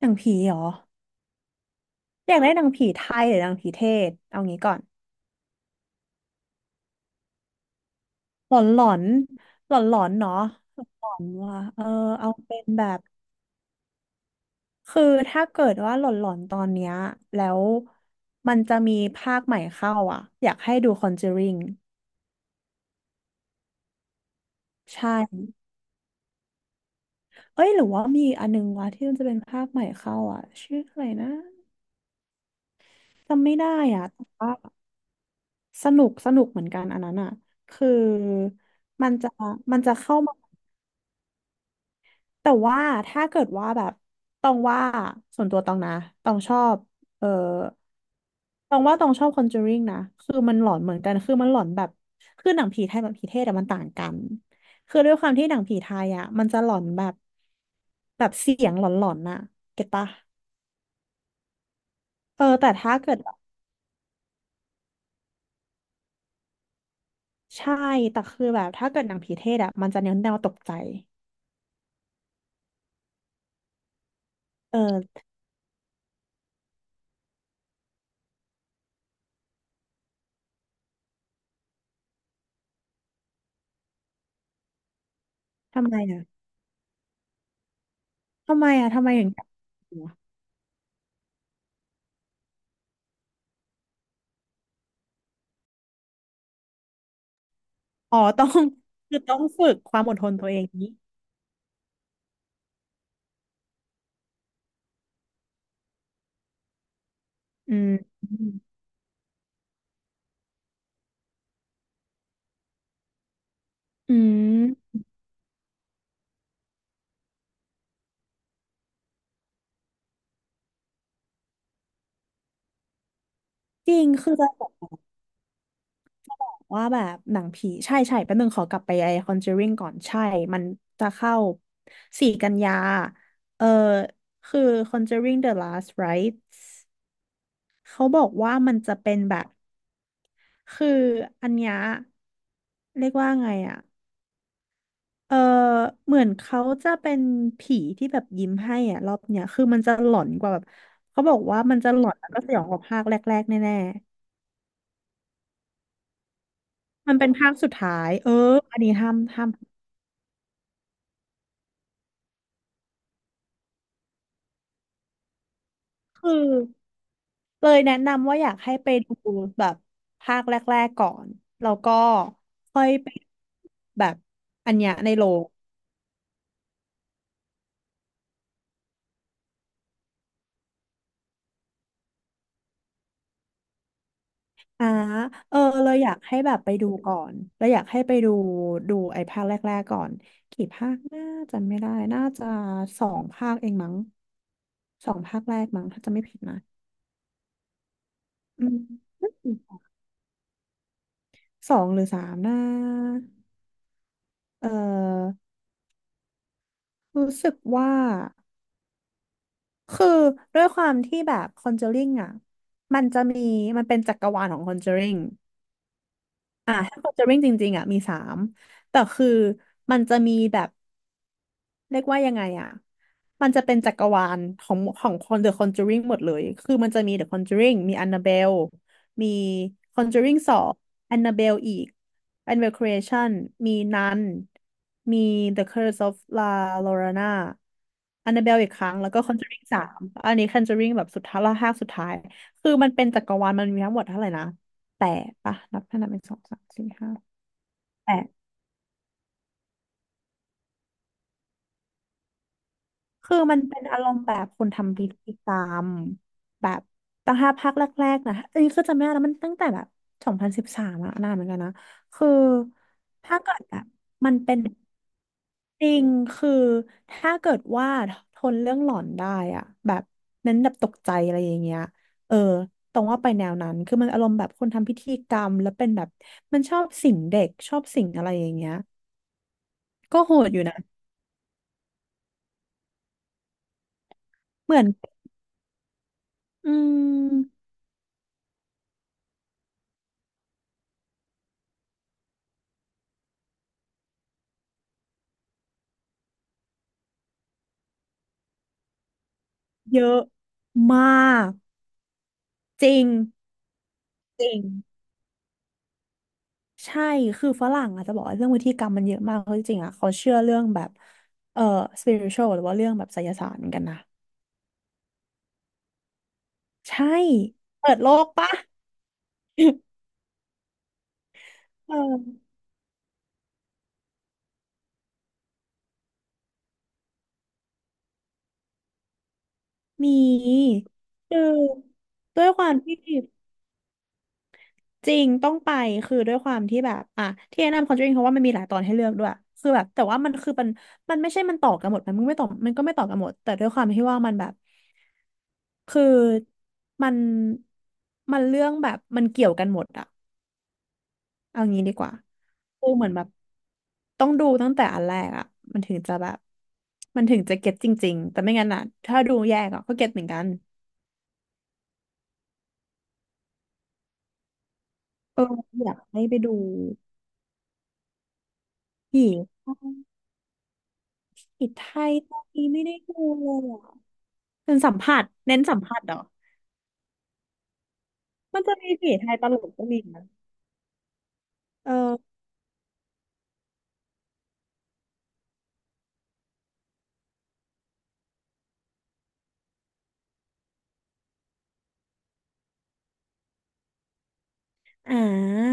หนังผีเหรออยากได้หนังผีไทยหรือหนังผีเทศเอางี้ก่อนหลอนหลอนหลอนหลอนเนาะหลอนๆว่ะเออเอาเป็นแบบคือถ้าเกิดว่าหลอนหลอนตอนเนี้ยแล้วมันจะมีภาคใหม่เข้าอ่ะอยากให้ดู Conjuring ใช่เอ้ยหรือว่ามีอันนึงวะที่มันจะเป็นภาคใหม่เข้าอ่ะชื่ออะไรนะจำไม่ได้อ่ะแต่ว่าสนุกสนุกเหมือนกันอันนั้นอ่ะคือมันจะมันจะเข้ามา แต่ว่าถ้าเกิดว่าแบบตองว่าส่วนตัวตองนะตองชอบเออตองว่าตองชอบคอนเจอริงนะคือมันหลอนเหมือนกันคือมันหลอนแบบคือหนังผีไทยกับผีเทศแต่มันต่างกันคือด้วยความที่หนังผีไทยอ่ะมันจะหลอนแบบแบบเสียงหลอนๆน่ะเก็ตปะเออแต่ถ้าเกิดใช่แต่คือแบบถ้าเกิดหนังผีเทศอ่ะมันจะเน้นแนวตกใจเออทำไมอ่ะทำไมอ่ะทำไมถึงอยากดูอะอ๋อต้องคือต้องฝึกความอดทนตัวเองนี้ อืมอืมจริงคือจะบอกว่าแบบหนังผีใช่ใช่แป๊บนึงขอกลับไปไอ้ Conjuring ก่อนใช่มันจะเข้า4 กันยาเออคือ Conjuring The Last Rites เขาบอกว่ามันจะเป็นแบบคืออันเนี้ยเรียกว่าไงอ่ะเออเหมือนเขาจะเป็นผีที่แบบยิ้มให้อ่ะรอบเนี้ยคือมันจะหลอนกว่าแบบเขาบอกว่ามันจะหลอนแล้วก็สยองกว่าภาคแรกๆแน่ มันเป็นภาคสุดท้ายเอออันนี้ห้ามห้ามคือเลยแนะนำว่าอยากให้ไปดูแบบภาคแรกๆก่อน แล้วก็ค่อยไปแบบอันเนี้ยในโรงอ่าเออเลยอยากให้แบบไปดูก่อนแล้วอยากให้ไปดูดูไอ้ภาคแรกๆก่อนกี่ภาคน่าจำไม่ได้น่าจะสองภาคเองมั้งสองภาคแรกมั้งถ้าจะไม่ผิดนะอืมสองหรือสามนะเออ รู้สึกว่าคือด้วยความที่แบบคอนเจอริงอ่ะมันจะมีมันเป็นจักรวาลของคอนเจอริงอ่ะถ้าคอนเจอริงจริงๆอ่ะมีสามแต่คือมันจะมีแบบ เรียกว่ายังไงอ่ะ มันจะเป็นจักรวาลของคน The Conjuring หมดเลยคือมันจะมี The Conjuring มี Annabelle มี Conjuring สอง Annabelle อีก Annabelle Creation มี Nun มี The Curse of La Llorona Annabelle อีกครั้งแล้วก็ Conjuring สามอันนี้ Conjuring แบบสุดท้ายละห้าสุดท้าย คือมันเป็นจักรวาลมันมีทั้งหมดเท่าไหร่นะแปดปะนับให้านับเป็นสองสามสี่ห้าแปด คือมันเป็นอารมณ์แบบคุณทำพิธีกรรมแบบตั้งห้าภาคแรกๆนะเอ้ยคือจำไม่ได้แล้วมันตั้งแต่แบบ2013อะนานเหมือนกันนะคือถ้าเกิดแบบมันเป็นจริงคือถ้าเกิดว่าทนเรื่องหลอนได้อะแบบเน้นแบบตกใจอะไรอย่างเงี้ยเออตรงว่าไปแนวนั้นคือมันอารมณ์แบบคนทำพิธีกรรมแล้วเป็นแบบมันชอบสิงเด็กชอบสิงอะไรอย่างเงี้ยก็โหดอยู่นะเหมือนอืมเยอะมาก จริงจริงใช่คือฝรั่งอาจจะบอกว่าเรื่องวิธีกรรมมันเยอะมากเพราะจริงๆอ่ะเขาเชื่อเรื่องแบบเอ่อ spiritual หรือว่าเรื่องแบบไสยศาสตร์เหมือนกันนะใช่เปิดโลกปะ เออมีคือด้วยความที่จริงต้องไปคือด้วยความที่แบบอ่ะที่แนะนำ Conjuring เพราะว่ามันมีหลายตอนให้เลือกด้วยคือแบบแต่ว่ามันไม่ใช่มันต่อกันหมดมันไม่ต่อมันก็ไม่ต่อกันหมดแต่ด้วยความที่ว่ามันแบบ คือมันมันเรื่องแบบมันเกี่ยวกันหมดอะเอางี้ดีกว่าคือเหมือนแบบต้องดูตั้งแต่อันแรกอะมันถึงจะแบบมันถึงจะเก็ตจริงๆแต่ไม่งั้นอะถ้าดูแยกอะก็เก็ตเหมือนกันอยากให้ไปดูผีผีไทยตอนนี้ไม่ได้ดูเลยอะเป็นสัมผัสเน้นสัมผัสเหรอมันจะมีผีไทยตลกก็มีนะเอออ่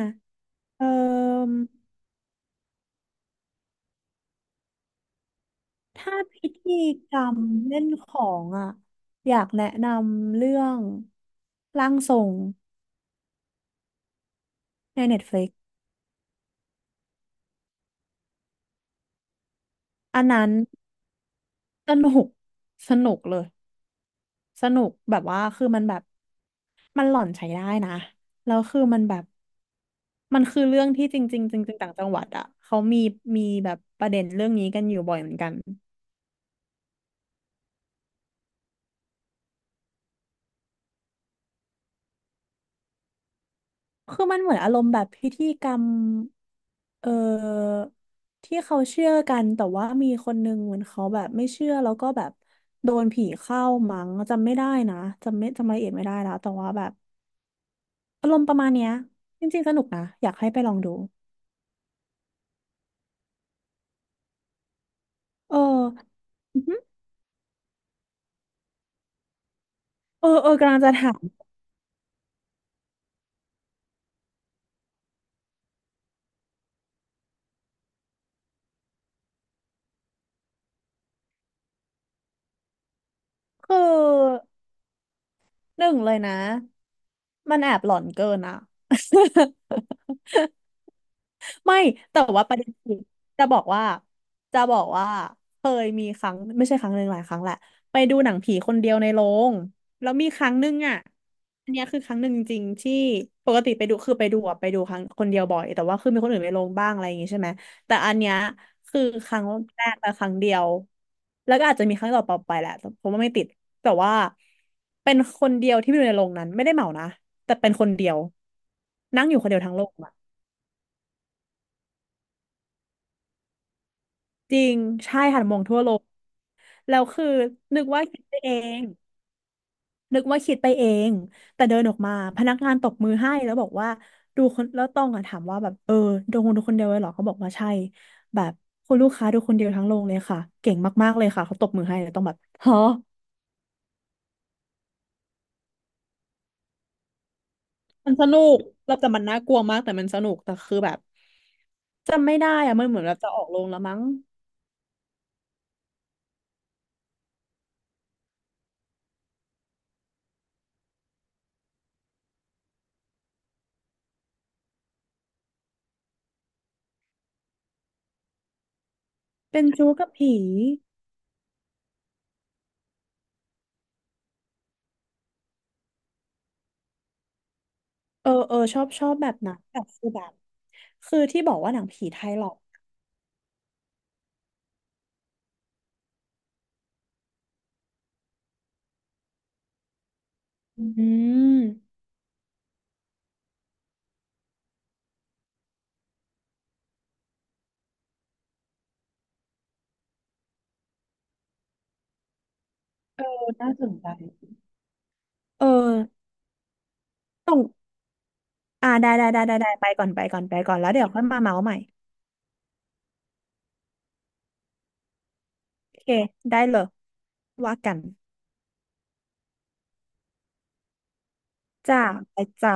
าเออ ถ้าพิธีกรรมเล่นของอ่ะอยากแนะนำเรื่องร่างทรงใน Netflix อันนั้นสนุกสนุกเลยสนุกแบบว่าคือมันแบบมันหล่อนใช้ได้นะแล้วคือมันแบบมันคือเรื่องที่จริงๆจริงๆต่างจังหวัดอ่ะเขามีมีแบบประเด็นเรื่องนี้กันอยู่บ่อยเหมือนกัน คือมันเหมือนอารมณ์แบบพิธีกรรมเอ่อที่เขาเชื่อกันแต่ว่ามีคนนึงเหมือนเขาแบบไม่เชื่อแล้วก็แบบโดนผีเข้ามั้งจำไม่ได้นะจำไม่จำรายละเอียดไม่ได้แล้วแต่ว่าแบบอารมณ์ประมาณเนี้ยจริงๆสนุกนะอยากให้ไปลองดูเอออือหือเออเออกำลังจะถามคือหนึ่งเลยนะมันแอบหลอนเกินอ่ะ ไม่ แต่ว่าประเด็นคือจะบอกว่า จะบอกว่าเคยมีครั้งไม่ใช่ครั้งหนึ่งหลายครั้งแหละไปดูหนังผีคนเดียวในโรงแล้วมีครั้งหนึ่งอ่ะอันเนี้ยคือครั้งหนึ่งจริงๆที่ปกติไปดูคือไปดูครั้งคนเดียวบ่อยแต่ว่าคือมีคนอื่นไปลงบ้างอะไรอย่างงี้ใช่ไหมแต่อันเนี้ยคือครั้งแรกและครั้งเดียวแล้วก็อาจจะมีครั้งต่อไปไปแหละแต่ผมว่าไม่ติดแต่ว่าเป็นคนเดียวที่ไปดูในโรงนั้นไม่ได้เหมานะแต่เป็นคนเดียวนั่งอยู่คนเดียวทั้งโลก จริงใช่หันมองทั่วโลกแล้วคือนึกว่าคิดไปเองนึกว่าคิดไปเองแต่เดินออกมาพนักงานตบมือให้แล้วบอกว่าดูคนแล้วต้องอะถามว่าแบบเออดูคนเดียวเลยเหรอเขาบอกว่าใช่แบบคุณลูกค้าดูคนเดียวทั้งโรงเลยค่ะเก่งมากๆเลยค่ะเขาตบมือให้แล้วต้องแบบฮะมันสนุกเราแต่มันน่ากลัวมากแต่มันสนุกแต่คือแบบจำไม่ได้อะมันเหมือนเราจะออกโรงแล้วมั้งเป็นจู๊กับผีเออเออชอบแบบนั้นแบบคือแบบคือที่บอกว่าหนังผีไทยหรอก อืมเออน่าสนใจเออ ต้องอ่าได้ไปก่อน แล้วเดี๋ยวค่อยมาเมาส์ใหม่ โอเค ได้เลยว่ากันจ้าไปจ้า